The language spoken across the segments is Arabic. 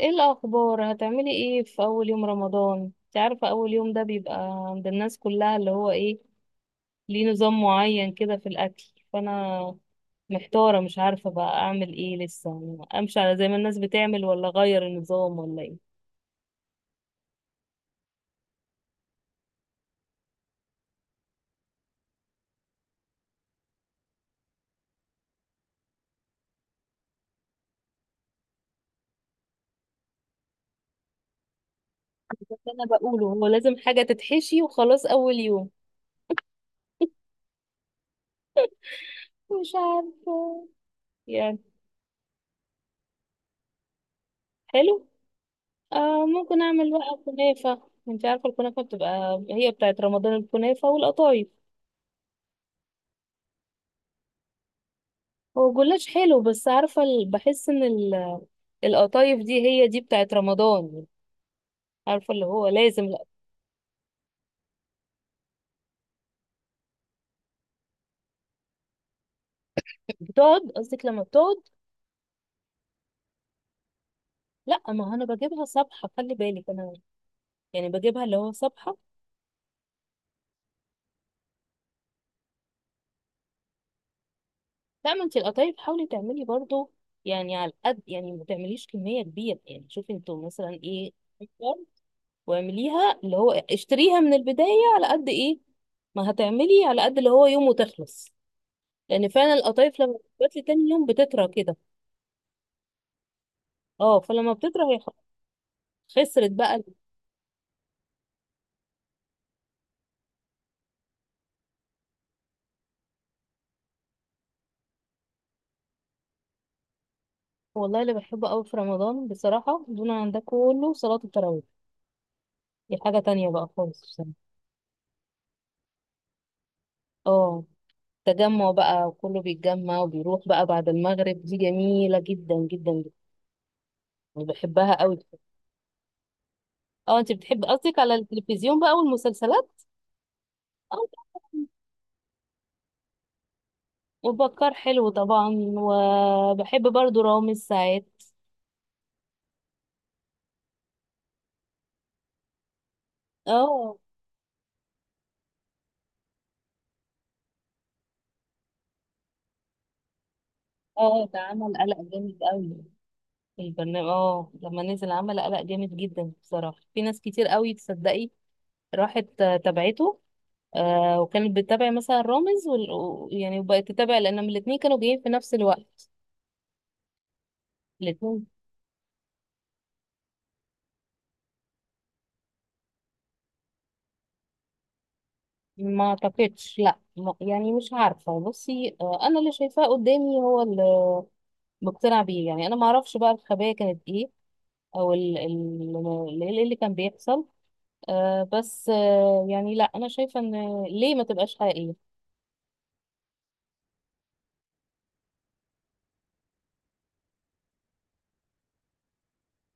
ايه الاخبار، هتعملي ايه في اول يوم رمضان؟ انت عارفه اول يوم ده بيبقى عند الناس كلها اللي هو ايه، ليه نظام معين كده في الاكل. فانا محتاره، مش عارفه بقى اعمل ايه، لسه امشي على زي ما الناس بتعمل ولا اغير النظام ولا ايه. بس انا بقوله هو لازم حاجه تتحشي وخلاص اول يوم. مش عارفه يعني. حلو. آه، ممكن اعمل بقى كنافه. انت عارفه الكنافه بتبقى هي بتاعت رمضان، الكنافه والقطايف. هو جلاش حلو، بس عارفه بحس ان القطايف دي هي دي بتاعت رمضان. عارفه اللي هو لازم، لا. بتقعد، قصدك لما بتقعد. لا، ما هو انا بجيبها صبحه، خلي بالك انا، يعني بجيبها اللي هو صبحه. لا، ما انت القطايف حاولي تعملي برضو، يعني على قد، يعني ما تعمليش كميه كبيره، يعني شوفي انتوا مثلا ايه، واعمليها اللي هو اشتريها من البدايه على قد ايه. ما هتعملي على قد اللي هو يوم وتخلص، لان فعلا القطايف لما بتبات لي تاني يوم بتطرى كده. اه، فلما بتطرى هي خلاص، خسرت بقى. والله اللي بحبه قوي في رمضان بصراحة دون عن ده كله صلاة التراويح. دي حاجة تانية بقى خالص بصراحة. اه، تجمع بقى وكله بيتجمع وبيروح بقى بعد المغرب، دي جميلة جدا جدا جدا. أنا بحبها قوي. اه، انت بتحب قصدك على التلفزيون بقى والمسلسلات. اه طبعاً. وبكار حلو طبعا، وبحب برضو رامز ساعات. اه. اه، ده عمل قلق جامد قوي البرنامج، اه لما نزل عمل قلق جامد جدا بصراحة، في ناس كتير قوي تصدقي راحت تابعته. وكانت بتتابع مثلا رامز و يعني وبقت تتابع لأنهم الاتنين كانوا جايين في نفس الوقت، الاتنين. ما اعتقدش، لا ما- يعني مش عارفة، بصي آه، أنا اللي شايفاه قدامي هو اللي مقتنع بيه، يعني أنا ما اعرفش بقى الخبايا كانت إيه، أو إيه اللي كان بيحصل. آه بس آه، يعني لا أنا شايفة إن ليه ما تبقاش حقيقية.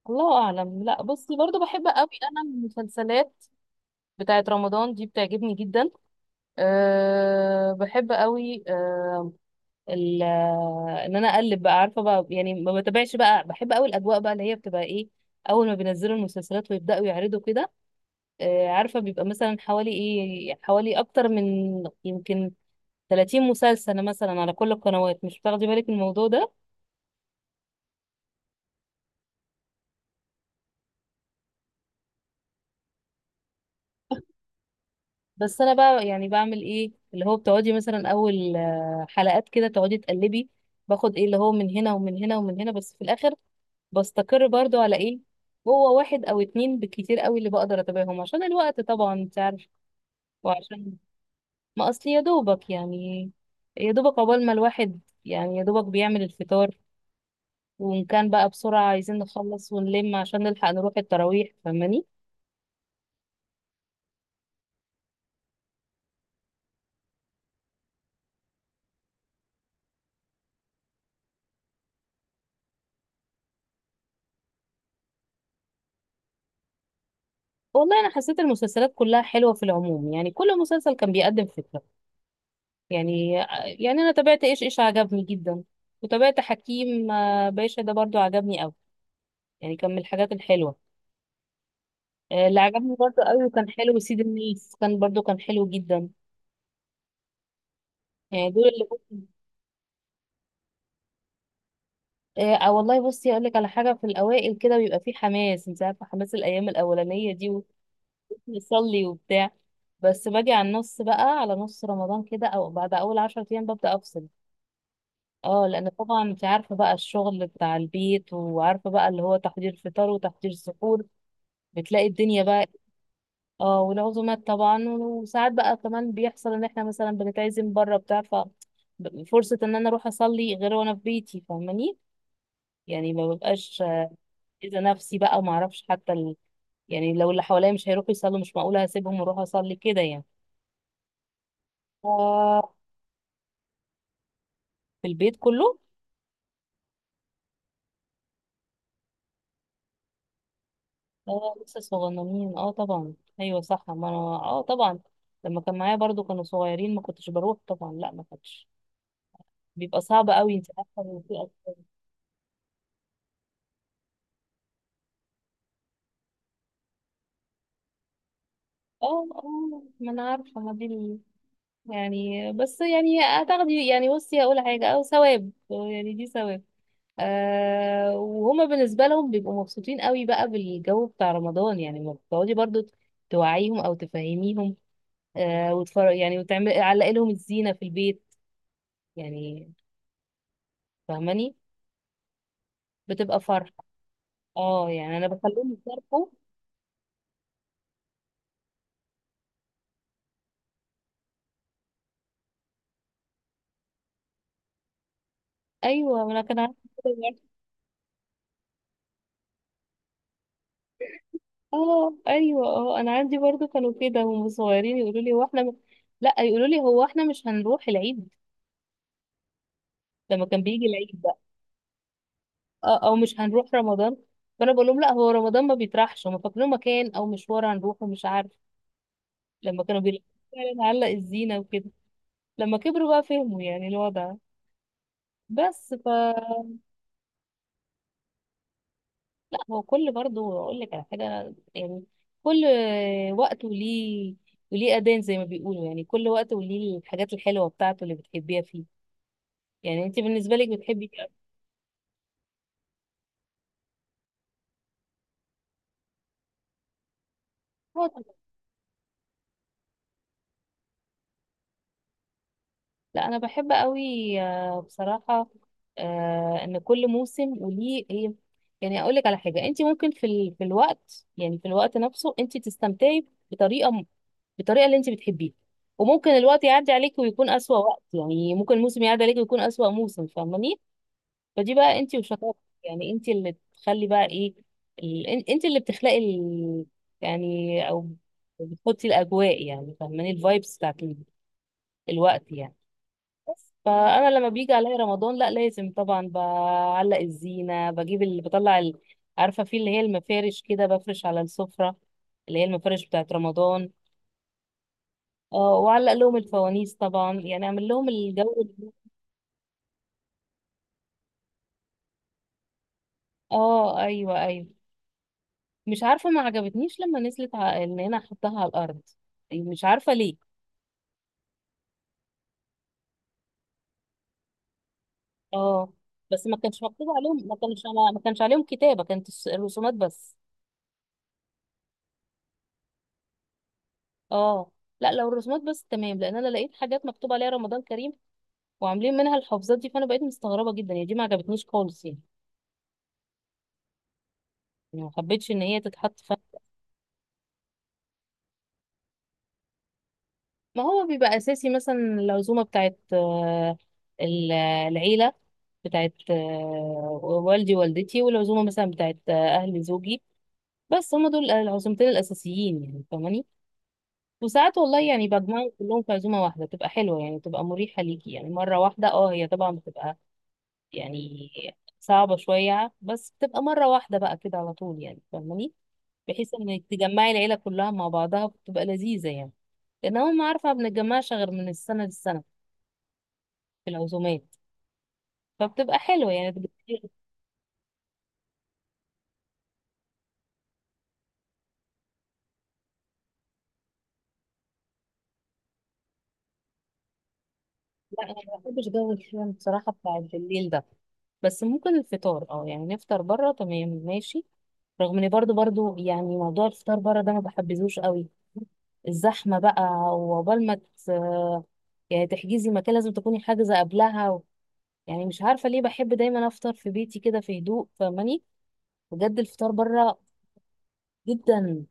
الله أعلم. لا بصي، برضو بحب قوي أنا المسلسلات بتاعت رمضان دي، بتعجبني جدا. أه، بحب قوي ال- ان انا اقلب بقى، عارفه بقى يعني ما بتابعش بقى، بحب قوي الاجواء بقى اللي هي بتبقى ايه. اول ما بينزلوا المسلسلات ويبداوا يعرضوا كده، عارفه بيبقى مثلا حوالي ايه، حوالي اكتر من يمكن 30 مسلسل مثلا على كل القنوات، مش بتاخدي بالك من الموضوع ده. بس انا بقى يعني بعمل ايه اللي هو بتقعدي مثلا اول حلقات كده تقعدي تقلبي، باخد ايه اللي هو من هنا ومن هنا ومن هنا، بس في الاخر بستقر برضو على ايه، هو واحد او اتنين بالكتير قوي اللي بقدر اتابعهم عشان الوقت طبعا انت عارف. وعشان ما اصل يا دوبك يعني، يا دوبك عقبال ما الواحد يعني يا دوبك بيعمل الفطار، وان كان بقى بسرعة عايزين نخلص ونلم عشان نلحق نروح التراويح، فاهماني. والله انا حسيت المسلسلات كلها حلوة في العموم، يعني كل مسلسل كان بيقدم فكرة. يعني يعني انا تابعت ايش ايش، عجبني جدا. وتابعت حكيم باشا ده برضو، عجبني قوي، يعني كان من الحاجات الحلوة. اللي عجبني برضو قوي وكان حلو سيد الناس، كان برضو كان حلو جدا. يعني دول آه. والله بصي اقول لك على حاجه، في الاوائل كده بيبقى فيه حماس، انت عارفه حماس الايام الاولانيه دي، ونصلي وبتاع. بس باجي على النص بقى، على نص رمضان كده او بعد اول 10 ايام ببدا افصل. اه، لان طبعا انت عارفه بقى الشغل بتاع البيت، وعارفه بقى اللي هو تحضير فطار وتحضير سحور، بتلاقي الدنيا بقى. اه، والعزومات طبعا، وساعات بقى كمان بيحصل ان احنا مثلا بنتعزم بره بتاع، فرصة ان انا اروح اصلي غير وانا في بيتي، فاهماني، يعني ما ببقاش، اذا نفسي بقى، وما اعرفش حتى يعني لو اللي حواليا مش هيروحوا يصلوا، مش معقولة هسيبهم واروح اصلي كده يعني. ف- في البيت كله. اه لسه صغننين اه طبعا. ايوه صح، ما انا اه طبعا، لما كان معايا برضو كانوا صغيرين ما كنتش بروح طبعا، لا ما كنتش، بيبقى صعب قوي انت عارفه إن في. اه اه، ما انا عارفه، ما دي ال- يعني، بس يعني هتاخدي، يعني بصي هقول حاجه، او ثواب يعني دي ثواب. آه، وهما بالنسبه لهم بيبقوا مبسوطين قوي بقى بالجو بتاع رمضان، يعني ما بتقعدي برضو توعيهم او تفهميهم. آه، وتفر يعني وتعمل علقي لهم الزينه في البيت يعني، فاهماني. بتبقى فرحه. اه يعني انا بخليهم يفرحوا. ايوه ما انا كان عارفه كده. اه ايوه، اه انا عندي برضو كانوا كده وهم صغيرين يقولوا لي هو لا يقولوا لي هو احنا مش هنروح العيد، لما كان بيجي العيد بقى. او مش هنروح رمضان. فانا بقول لهم لا، هو رمضان ما بيطرحش، هم فاكرين مكان او مشوار هنروحه مش عارف. لما كانوا بيلاقوا فعلا علق الزينه وكده، لما كبروا بقى فهموا يعني الوضع. بس ف لا هو كل، برضو اقول لك على حاجه يعني، كل وقت وليه، وليه اذان زي ما بيقولوا، يعني كل وقت وليه الحاجات الحلوه بتاعته اللي بتحبيها فيه. يعني انت بالنسبه لك بتحبي ايه أكتر؟ اه طبعا. لا انا بحب قوي بصراحه. ان كل موسم وليه ايه. يعني اقول لك على حاجه، انت ممكن في في الوقت، يعني في الوقت نفسه انت تستمتعي بالطريقه اللي انت بتحبيها، وممكن الوقت يعدي عليك ويكون اسوأ وقت، يعني ممكن الموسم يعدي عليك ويكون اسوأ موسم، فاهماني. فدي بقى انت وشطارتك، يعني انت اللي تخلي بقى ايه انت اللي بتخلقي يعني، او بتحطي الاجواء يعني، فاهماني، الفايبس بتاعت الوقت يعني. بس فانا لما بيجي عليا رمضان، لا لازم طبعا بعلق الزينه، بجيب اللي بطلع عارفه في اللي هي المفارش كده بفرش على السفره، اللي هي المفارش بتاعت رمضان. اه وعلق لهم الفوانيس طبعا، يعني اعمل لهم الجو ده. اه ايوه ايوه. مش عارفه ما عجبتنيش لما نزلت ان انا احطها على الارض، مش عارفه ليه. اه بس ما كانش مكتوب عليهم، ما كانش، ما كانش عليهم كتابه، كانت الرسومات بس. اه، لا لو الرسومات بس تمام، لان انا لقيت حاجات مكتوب عليها رمضان كريم، وعاملين منها الحفظات دي، فانا بقيت مستغربه جدا، يعني دي ما عجبتنيش خالص يعني، يعني ما حبيتش ان هي تتحط ما هو بيبقى اساسي مثلا العزومه بتاعت ال- العيله بتاعت والدي ووالدتي، والعزومه مثلا بتاعت اهل زوجي، بس هم دول العزومتين الاساسيين يعني، فاهماني. وساعات والله يعني بجمعهم كلهم في عزومه واحده، تبقى حلوه يعني، تبقى مريحه ليكي يعني مره واحده، اه هي طبعا بتبقى يعني صعبة شوية، بس بتبقى مرة واحدة بقى كده على طول يعني، فاهماني، بحيث انك تجمعي العيلة كلها مع بعضها، بتبقى لذيذة يعني، لان هم عارفة ما بنتجمعش غير من السنة للسنة في العزومات، فبتبقى حلوة يعني لا انا ما بحبش جو الكلام بصراحة بتاع بالليل ده. بس ممكن الفطار اه يعني نفطر بره تمام ماشي، رغم اني برضو برضو يعني موضوع الفطار بره ده ما بحبذوش قوي، الزحمة بقى، وعقبال ما ت- يعني تحجزي مكان لازم تكوني حاجزة قبلها. يعني مش عارفة ليه بحب دايما أفطر في بيتي كده في هدوء، فاهماني، بجد الفطار بره جدا.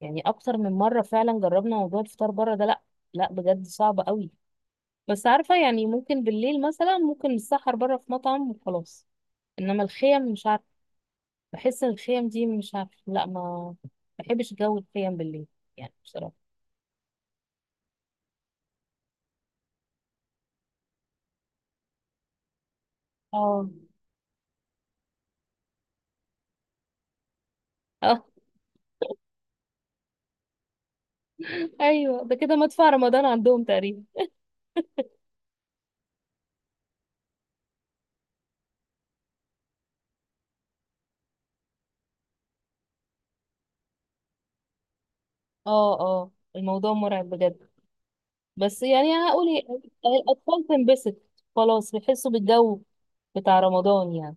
يعني أكتر من مرة فعلا جربنا موضوع الفطار بره ده، لأ لأ بجد صعب قوي. بس عارفة يعني ممكن بالليل مثلا ممكن نتسحر بره في مطعم وخلاص، إنما الخيم مش عارفة، بحس إن الخيم دي مش عارفة لأ، ما بحبش جو الخيم بالليل يعني بصراحة. اه اه أيوه ده كده مدفع رمضان عندهم تقريبا. اه اه الموضوع مرعب بجد. بس يعني هي الأطفال تنبسط، خلاص بيحسوا بالجو بتاع رمضان يعني،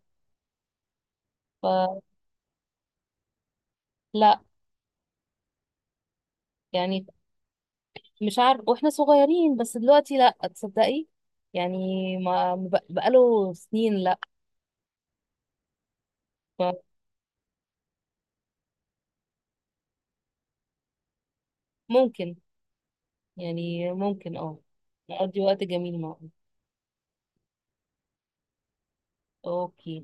فلا يعني. مش عارف، واحنا صغيرين، بس دلوقتي لا تصدقي يعني ما بقاله سنين لا. ممكن، يعني ممكن اه نقضي وقت جميل معه. اوكي.